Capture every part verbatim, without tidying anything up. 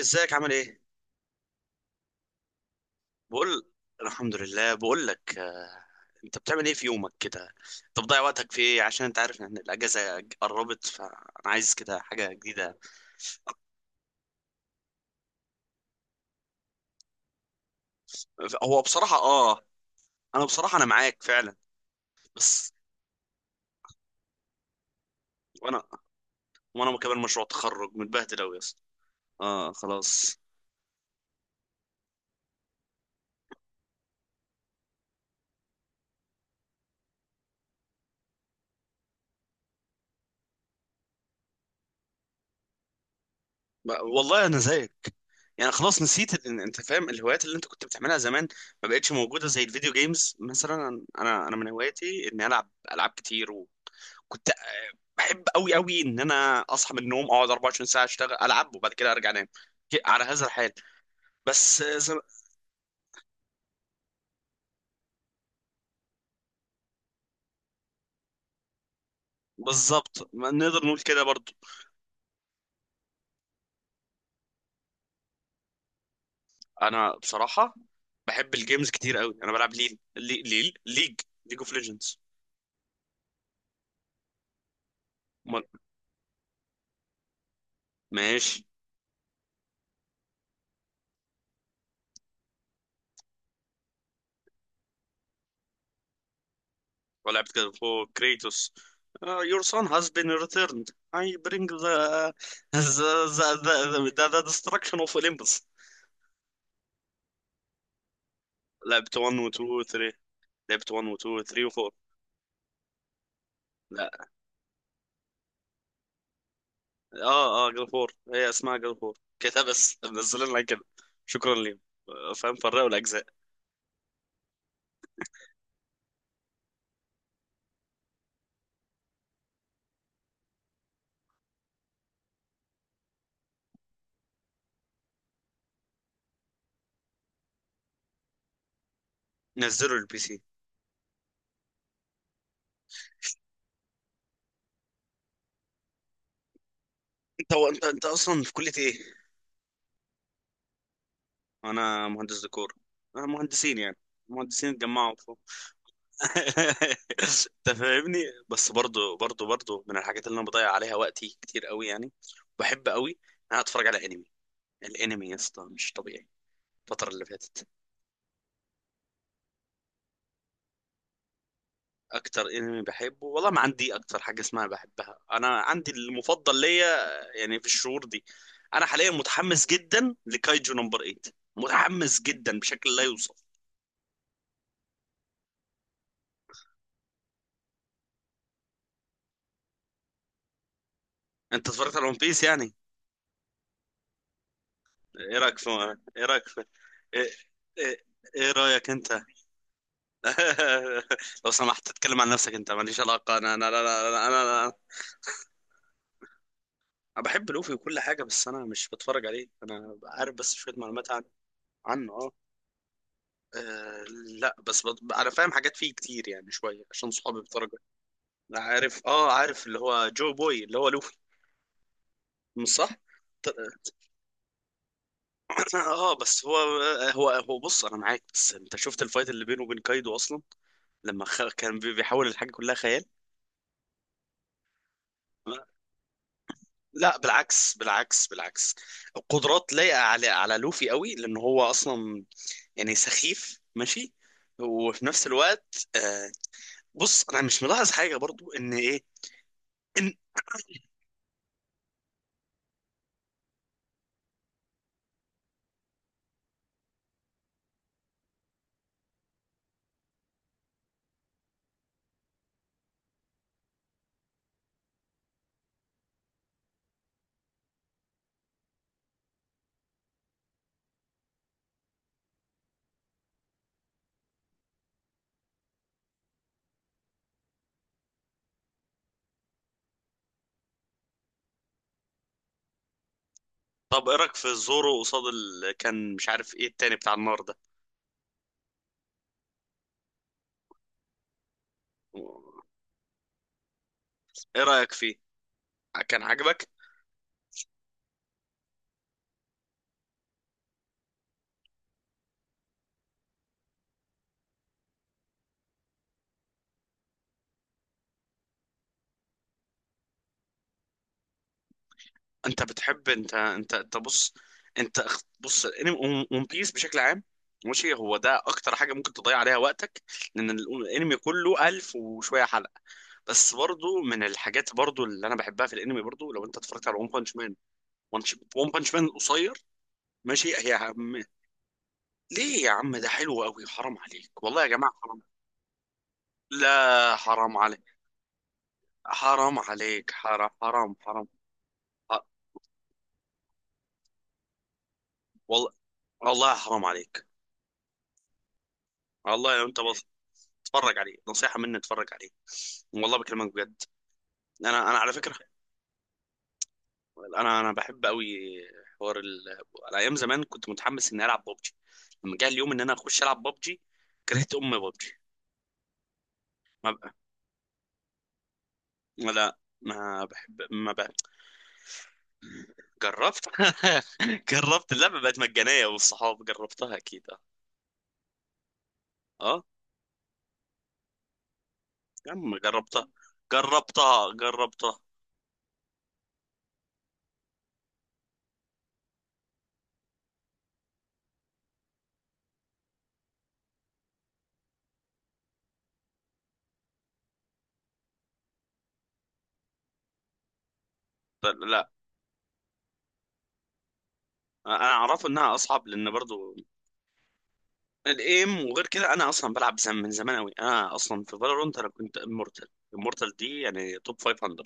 ازيك عامل ايه؟ بقول الحمد لله، بقول لك آه، انت بتعمل ايه في يومك كده؟ انت بتضيع وقتك في ايه؟ عشان انت عارف ان الاجازه قربت، فانا عايز كده حاجه جديده. هو بصراحه اه انا بصراحه انا معاك فعلا. بس وانا وانا مكمل مشروع تخرج متبهدل قوي يا اسطى. اه، خلاص. بقى- والله انا زيك. يعني خلاص نسيت ال- انت فاهم الهوايات اللي انت كنت بتعملها زمان، ما بقتش موجوده زي الفيديو جيمز مثلا. انا انا من هواياتي اني العب العاب كتير. وكنت بحب قوي قوي ان انا اصحى من النوم، اقعد أربعة وعشرين ساعه اشتغل العب، وبعد كده ارجع انام ك- على هذا الحال. بس زي ما- بالظبط، ما نقدر نقول كده برضو. انا بصراحه بحب الجيمز كتير قوي. انا بلعب ليل لي- ليل ليج ليج اوف ليجندز. ماشي. ولعبت كده فوق كريتوس. Uh, your son has been returned. I bring the the the, the, the, the destruction of Olympus. لعبت واحد و اتنين و تلاتة لعبت واحد و اتنين و تلاتة و اربعة. اه، اه، جاد اوف وور. هي اسمها جاد اوف وور كده، بس منزلين لنا كده. شكرا ليهم. آه، فاهم، فرقوا الاجزاء. نزلوا البي سي. انت هو انت انت اصلا في كليه ايه؟ انا مهندس ديكور. انا مهندسين يعني، مهندسين اتجمعوا فوق. انت فاهمني. بس برضو برضو برضو من الحاجات اللي انا بضيع عليها وقتي كتير قوي يعني. بحب قوي ان انا اتفرج على انمي. الانمي يا اسطى مش طبيعي الفتره اللي فاتت. اكتر انمي بحبه، والله ما عندي اكتر حاجه اسمها بحبها، انا عندي المفضل ليا يعني في الشهور دي. انا حاليا متحمس جدا لكايجو نمبر تمانية. متحمس جدا بشكل لا يوصف. انت اتفرجت على ون بيس يعني؟ ايه رايك في ايه رايك في ايه, إيه... إيه رايك انت؟ لو سمحت تتكلم عن نفسك، انت ماليش علاقه. انا انا انا انا, أنا... أنا... أنا بحب لوفي وكل حاجه، بس انا مش بتفرج عليه، انا عارف بس شويه معلومات عنه عنه اه. آه، لا، بس بط... انا فاهم حاجات فيه كتير يعني، شويه عشان صحابي بدرجه. أنا عارف، اه، عارف اللي هو جو بوي، اللي هو لوفي. مش صح؟ ط- اه، بس هو آه، هو هو بص، انا معاك. بس انت شفت الفايت اللي بينه وبين كايدو اصلا؟ لما خ... كان بي- بيحاول، الحاجه كلها خيال. لا، بالعكس، بالعكس، بالعكس. القدرات لايقه على على لوفي قوي، لان هو اصلا يعني سخيف، ماشي؟ وفي نفس الوقت آه بص، انا مش ملاحظ حاجه برضو ان ايه. طب، ايه رايك في زورو قصاد ال... كان مش عارف ايه التاني بتاع النار ده؟ ايه رايك فيه؟ كان عاجبك؟ انت بتحب؟ انت انت انت بص. انت اخ- بص، الانمي ون بيس بشكل عام، ماشي، هو ده اكتر حاجه ممكن تضيع عليها وقتك، لان ال- الانمي كله الف وشويه حلقه. بس برضو من الحاجات برضو اللي انا بحبها في الانمي، برضو لو انت اتفرجت على ون بانش مان. ون بانش مان قصير، ماشي، هي عم... ليه يا عم؟ ده حلو قوي، حرام عليك، والله يا جماعه، حرام. لا، حرام عليك، حرام، عليك حرام حرام، حرام. ح- والله، والله حرام عليك. والله، انت بس اتفرج عليه، نصيحة مني، اتفرج عليه، والله بكلمك بجد. انا انا على فكرة، انا انا بحب قوي حوار ال... على ايام زمان كنت متحمس اني العب ببجي. لما جه اليوم ان انا اخش العب ببجي، كرهت ام ببجي. ما بقى. لا، ما بحب، ما بقى. جربت. جربت، اللعبة بقت مجانية والصحاب جربتها، اكيد، اه. آه، يا عم جربتها، جربتها، جربتها. لا، انا اعرفه انها اصعب، لان برضو الايم. وغير كده، انا اصلا بلعب زم من زمان قوي، انا اصلا في فالورانت انا كنت امورتال. امورتال دي يعني توب خمسمية،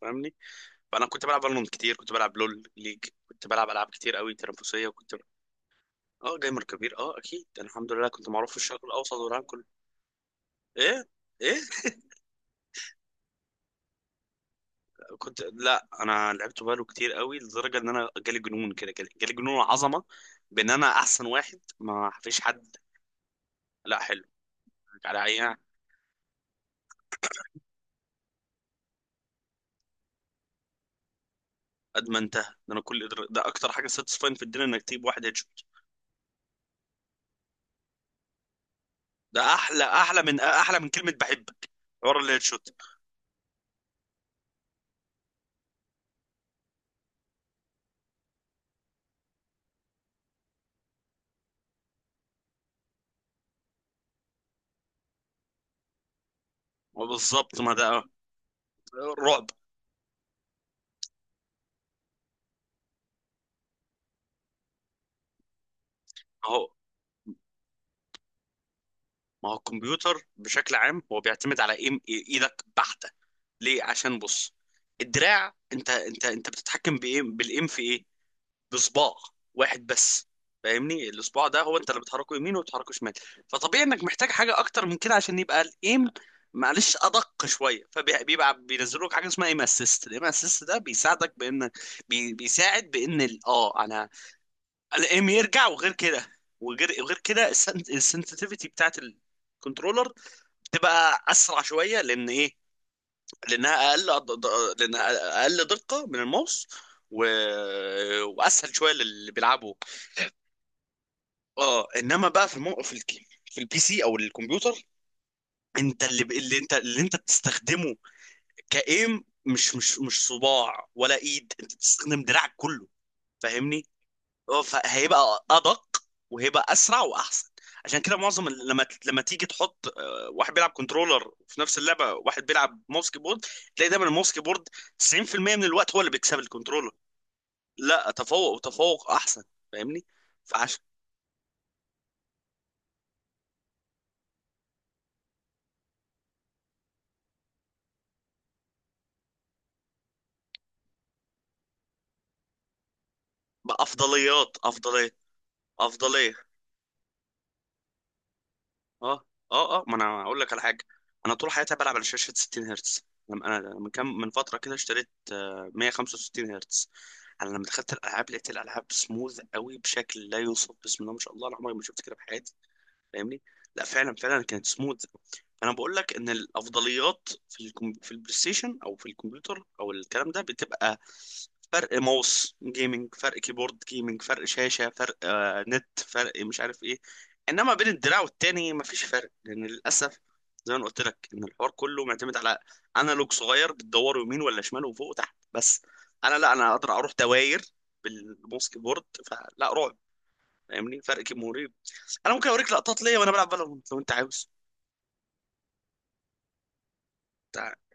فاهمني؟ فانا كنت بلعب فالورانت كتير، كنت بلعب لول ليج، كنت بلعب العاب كتير قوي تنافسيه، وكنت... اه، جيمر كبير، اه، اكيد. انا الحمد لله كنت معروف في الشرق الاوسط والعالم كله. ايه؟ ايه؟ كنت لا، انا لعبت بالو كتير قوي، لدرجه ان انا جالي جنون كده، جالي جالي جنون عظمه، بان انا احسن واحد ما فيش حد. لا، حلو. على اي. قد ما انتهى ده، انا كل ده. ده اكتر حاجه ساتسفاين في الدنيا انك تجيب واحد هيد شوت. ده احلى، احلى من احلى من كلمه بحبك. حوار الهيد شوت. بالظبط، ما ده رعب. اهو، ما هو الكمبيوتر بشكل عام هو بيعتمد على ايم ايدك بحته. ليه؟ عشان بص، الدراع، انت انت انت بتتحكم بايه؟ بالايم في ايه؟ بصباع واحد بس، فاهمني؟ الصباع ده هو انت اللي بتحركه يمين وبتحركه شمال. فطبيعي انك محتاج حاجه اكتر من كده عشان يبقى الايم معلش ادق شويه. فبيبقى بينزلوا لك حاجه اسمها ايم اسيست. الايم اسيست ده بيساعدك بان بي بيساعد بان ال- اه انا الايم يرجع. وغير كده، وغير غير كده السنسitivity بتاعت الكنترولر بتبقى اسرع شويه، لان ايه؟ لانها اقل أد- د- لانها اقل دقه من الماوس، و... واسهل شويه للي بيلعبوا. اه، انما بقى في المو... في الك... في البي سي او الكمبيوتر، انت اللي, ب... اللي انت اللي انت بتستخدمه كايم، مش مش مش صباع ولا ايد. انت بتستخدم دراعك كله، فاهمني؟ اه، فهيبقى ادق، وهيبقى اسرع واحسن. عشان كده معظم ال- لما ت- لما تيجي تحط آه، واحد بيلعب كنترولر في نفس اللعبه، واحد بيلعب ماوس كيبورد، تلاقي دايما الماوس كيبورد تسعين في المية من الوقت هو اللي بيكسب الكنترولر. لا، تفوق، وتفوق احسن، فاهمني؟ فعشان بأفضليات، أفضلية أفضلية. اه، اه، اه، ما انا اقول لك على حاجه. انا طول حياتي بلعب على شاشه ستين هرتز، لما انا من كام من فتره كده اشتريت آه، مية وخمسة وستين هرتز. انا لما دخلت الالعاب لقيت الالعاب سموث قوي بشكل لا يوصف، بسم الله ما شاء الله، انا عمري ما شفت كده في حياتي. فاهمني؟ لا، فعلا، فعلا كانت سموث. انا بقول لك ان الافضليات في الكم... في البلاي ستيشن او في الكمبيوتر او الكلام ده، بتبقى فرق ماوس جيمنج، فرق كيبورد جيمنج، فرق شاشة، فرق آه نت، فرق مش عارف ايه. انما بين الدراع والتاني مفيش فرق، لان للاسف زي ما أنا قلت لك ان الحوار كله معتمد على انالوج صغير بتدور يمين ولا شمال وفوق وتحت بس. انا لا، انا اقدر اروح دواير بالماوس كيبورد، فلا رعب، فاهمني؟ فرق كيموري. انا ممكن اوريك لقطات ليا وانا بلعب فالورنت، لو انت عاوز؟ انت